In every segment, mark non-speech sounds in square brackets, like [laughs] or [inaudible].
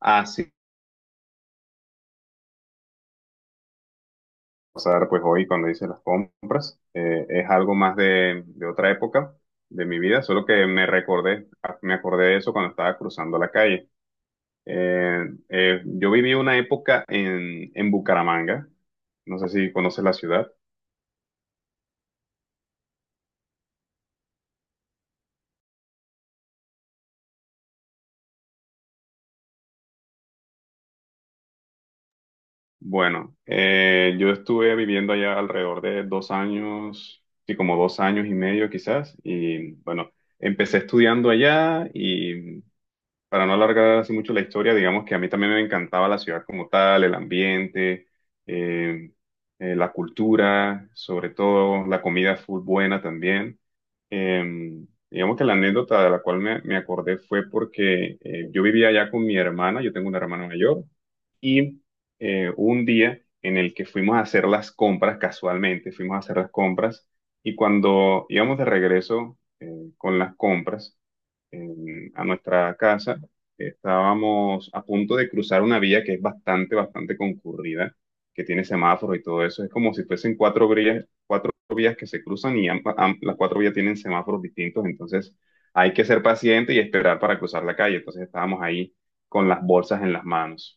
Así pasar pues hoy cuando hice las compras. Es algo más de otra época de mi vida, solo que me recordé, ah, me acordé de eso cuando estaba cruzando la calle. Yo viví una época en Bucaramanga, no sé si conoces la ciudad. Bueno, yo estuve viviendo allá alrededor de 2 años, sí, como 2 años y medio quizás, y bueno, empecé estudiando allá y para no alargar así mucho la historia, digamos que a mí también me encantaba la ciudad como tal, el ambiente, eh, la cultura, sobre todo la comida full buena también. Eh, digamos que la anécdota de la cual me acordé fue porque yo vivía allá con mi hermana, yo tengo una hermana mayor, y hubo un día en el que fuimos a hacer las compras, casualmente fuimos a hacer las compras, y cuando íbamos de regreso con las compras, a nuestra casa, estábamos a punto de cruzar una vía que es bastante concurrida, que tiene semáforos y todo eso. Es como si fuesen cuatro vías, vías que se cruzan y las cuatro vías tienen semáforos distintos, entonces hay que ser paciente y esperar para cruzar la calle. Entonces estábamos ahí con las bolsas en las manos.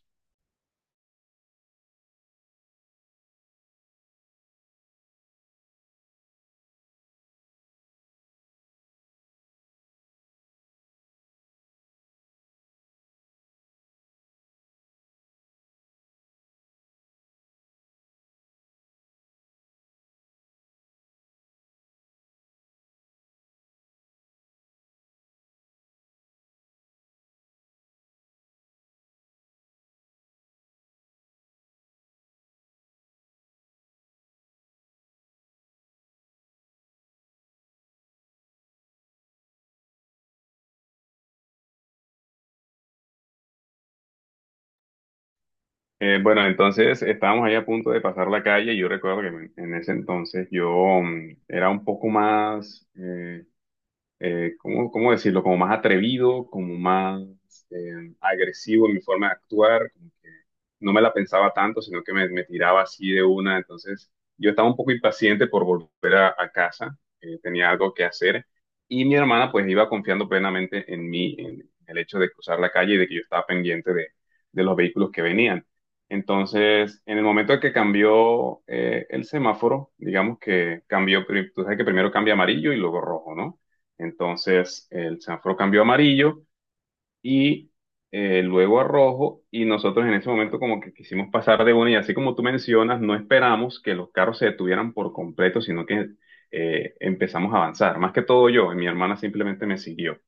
Bueno, entonces estábamos ahí a punto de pasar la calle y yo recuerdo que en ese entonces yo era un poco más... ¿cómo decirlo? Como más atrevido, como más agresivo en mi forma de actuar, como que no me la pensaba tanto, sino que me tiraba así de una. Entonces, yo estaba un poco impaciente por volver a casa, tenía algo que hacer y mi hermana pues iba confiando plenamente en mí, en el hecho de cruzar la calle y de que yo estaba pendiente de los vehículos que venían. Entonces, en el momento en que cambió el semáforo, digamos que cambió, tú sabes que primero cambia amarillo y luego rojo, ¿no? Entonces el semáforo cambió a amarillo y luego a rojo y nosotros en ese momento como que quisimos pasar de una y así como tú mencionas, no esperamos que los carros se detuvieran por completo, sino que empezamos a avanzar. Más que todo yo, mi hermana simplemente me siguió.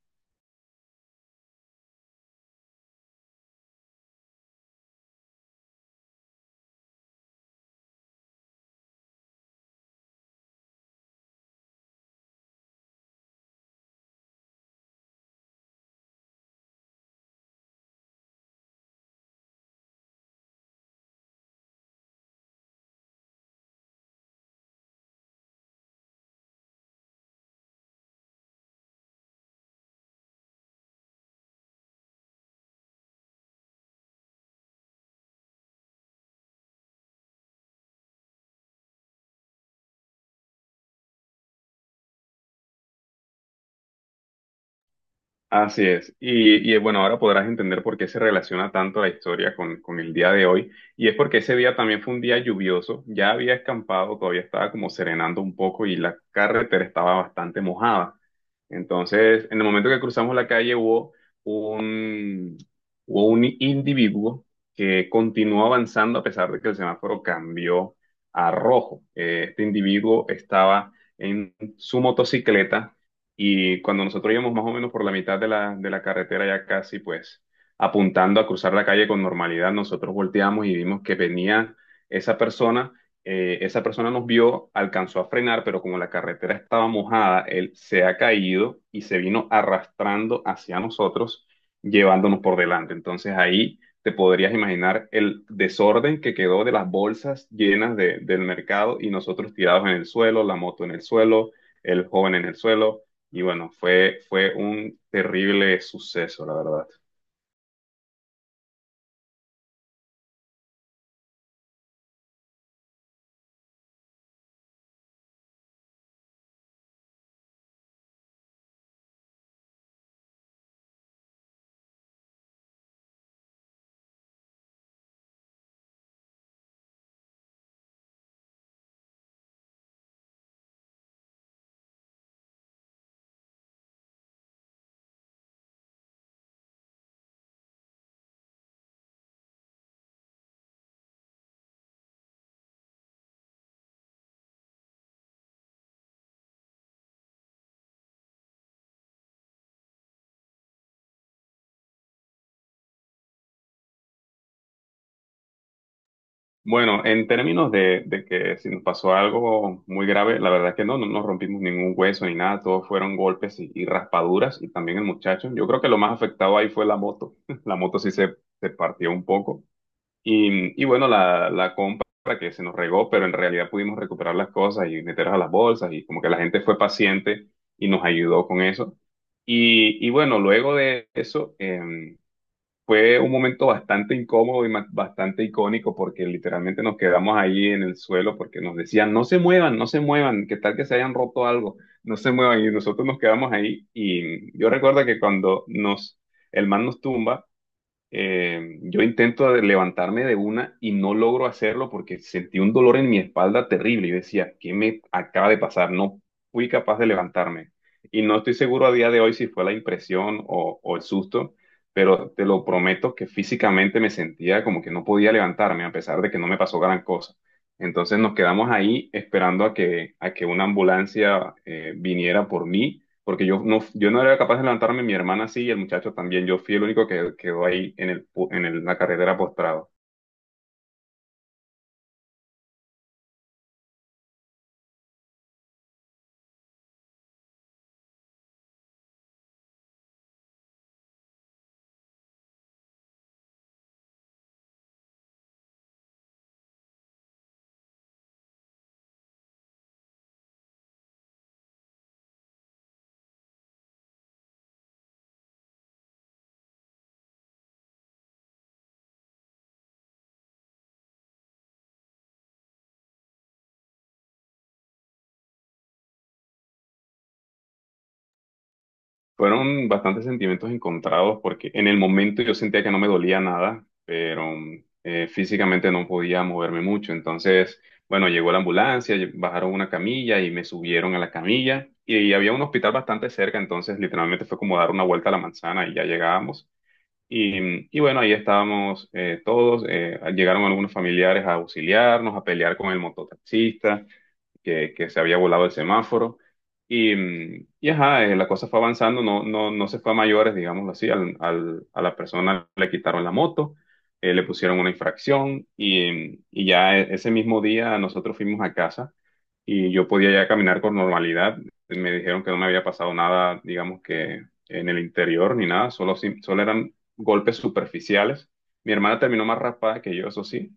Así es. Bueno, ahora podrás entender por qué se relaciona tanto la historia con el día de hoy. Y es porque ese día también fue un día lluvioso. Ya había escampado, todavía estaba como serenando un poco y la carretera estaba bastante mojada. Entonces, en el momento que cruzamos la calle hubo un, hubo un individuo que continuó avanzando a pesar de que el semáforo cambió a rojo. Este individuo estaba en su motocicleta y cuando nosotros íbamos más o menos por la mitad de de la carretera, ya casi pues apuntando a cruzar la calle con normalidad, nosotros volteamos y vimos que venía esa persona. Esa persona nos vio, alcanzó a frenar, pero como la carretera estaba mojada, él se ha caído y se vino arrastrando hacia nosotros, llevándonos por delante. Entonces ahí te podrías imaginar el desorden que quedó de las bolsas del mercado y nosotros tirados en el suelo, la moto en el suelo, el joven en el suelo. Y bueno, fue un terrible suceso, la verdad. Bueno, en términos de que si nos pasó algo muy grave, la verdad que no, no nos rompimos ningún hueso ni nada, todos fueron golpes y raspaduras y también el muchacho. Yo creo que lo más afectado ahí fue la moto. [laughs] La moto sí se partió un poco. Bueno, la compra que se nos regó, pero en realidad pudimos recuperar las cosas y meterlas a las bolsas y como que la gente fue paciente y nos ayudó con eso. Bueno, luego de eso, fue un momento bastante incómodo y bastante icónico porque literalmente nos quedamos ahí en el suelo porque nos decían, no se muevan, no se muevan, que tal que se hayan roto algo, no se muevan y nosotros nos quedamos ahí y yo recuerdo que cuando el man nos tumba, yo intento levantarme de una y no logro hacerlo porque sentí un dolor en mi espalda terrible. Yo decía, ¿qué me acaba de pasar? No fui capaz de levantarme. Y no estoy seguro a día de hoy si fue la impresión o el susto, pero te lo prometo que físicamente me sentía como que no podía levantarme a pesar de que no me pasó gran cosa. Entonces nos quedamos ahí esperando a a que una ambulancia viniera por mí porque yo no era capaz de levantarme, mi hermana sí y el muchacho también. Yo fui el único que quedó ahí en el, pu- en el- la carretera postrado. Fueron bastantes sentimientos encontrados porque en el momento yo sentía que no me dolía nada, pero físicamente no podía moverme mucho. Entonces, bueno, llegó la ambulancia, bajaron una camilla y me subieron a la camilla y había un hospital bastante cerca, entonces literalmente fue como dar una vuelta a la manzana y ya llegábamos. Bueno, ahí estábamos todos, llegaron algunos familiares a auxiliarnos, a pelear con el mototaxista que se había volado el semáforo. Y, y ajá, la cosa fue avanzando, no se fue a mayores, digámoslo así, a la persona le quitaron la moto, le pusieron una infracción y, y ya ese mismo día nosotros fuimos a casa y yo podía ya caminar con normalidad. Me dijeron que no me había pasado nada, digamos que en el interior ni nada, solo, solo eran golpes superficiales. Mi hermana terminó más raspada que yo, eso sí,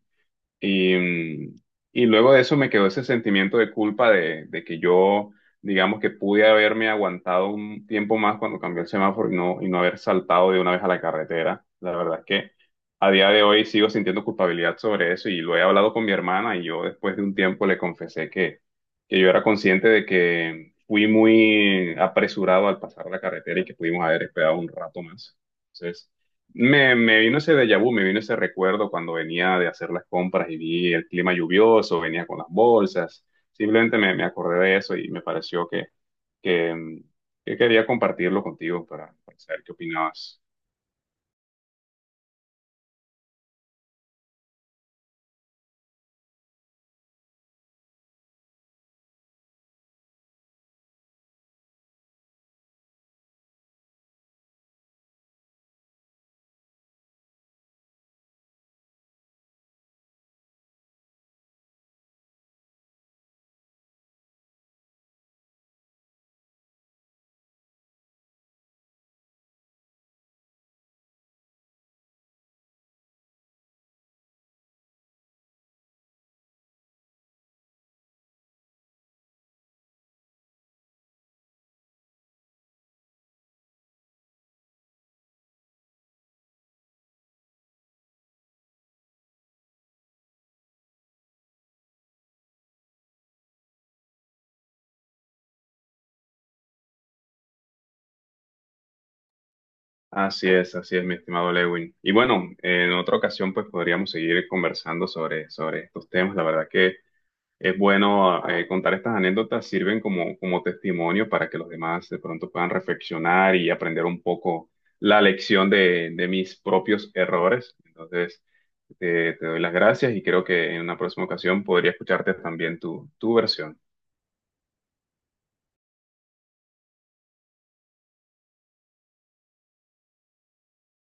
y, y luego de eso me quedó ese sentimiento de culpa de que yo, digamos que pude haberme aguantado un tiempo más cuando cambió el semáforo y no haber saltado de una vez a la carretera. La verdad es que a día de hoy sigo sintiendo culpabilidad sobre eso y lo he hablado con mi hermana y yo después de un tiempo le confesé que yo era consciente de que fui muy apresurado al pasar la carretera y que pudimos haber esperado un rato más. Entonces... Me vino ese déjà vu, me vino ese recuerdo cuando venía de hacer las compras y vi el clima lluvioso, venía con las bolsas. Simplemente me acordé de eso y me pareció que, mm, que quería compartirlo contigo para saber qué opinabas. Así es, mi estimado Lewin. Y bueno, en otra ocasión pues podríamos seguir conversando sobre estos temas. La verdad que es bueno contar estas anécdotas, sirven como testimonio para que los demás de pronto puedan reflexionar y aprender un poco la lección de mis propios errores. Entonces, te doy las gracias y creo que en una próxima ocasión podría escucharte también tu versión.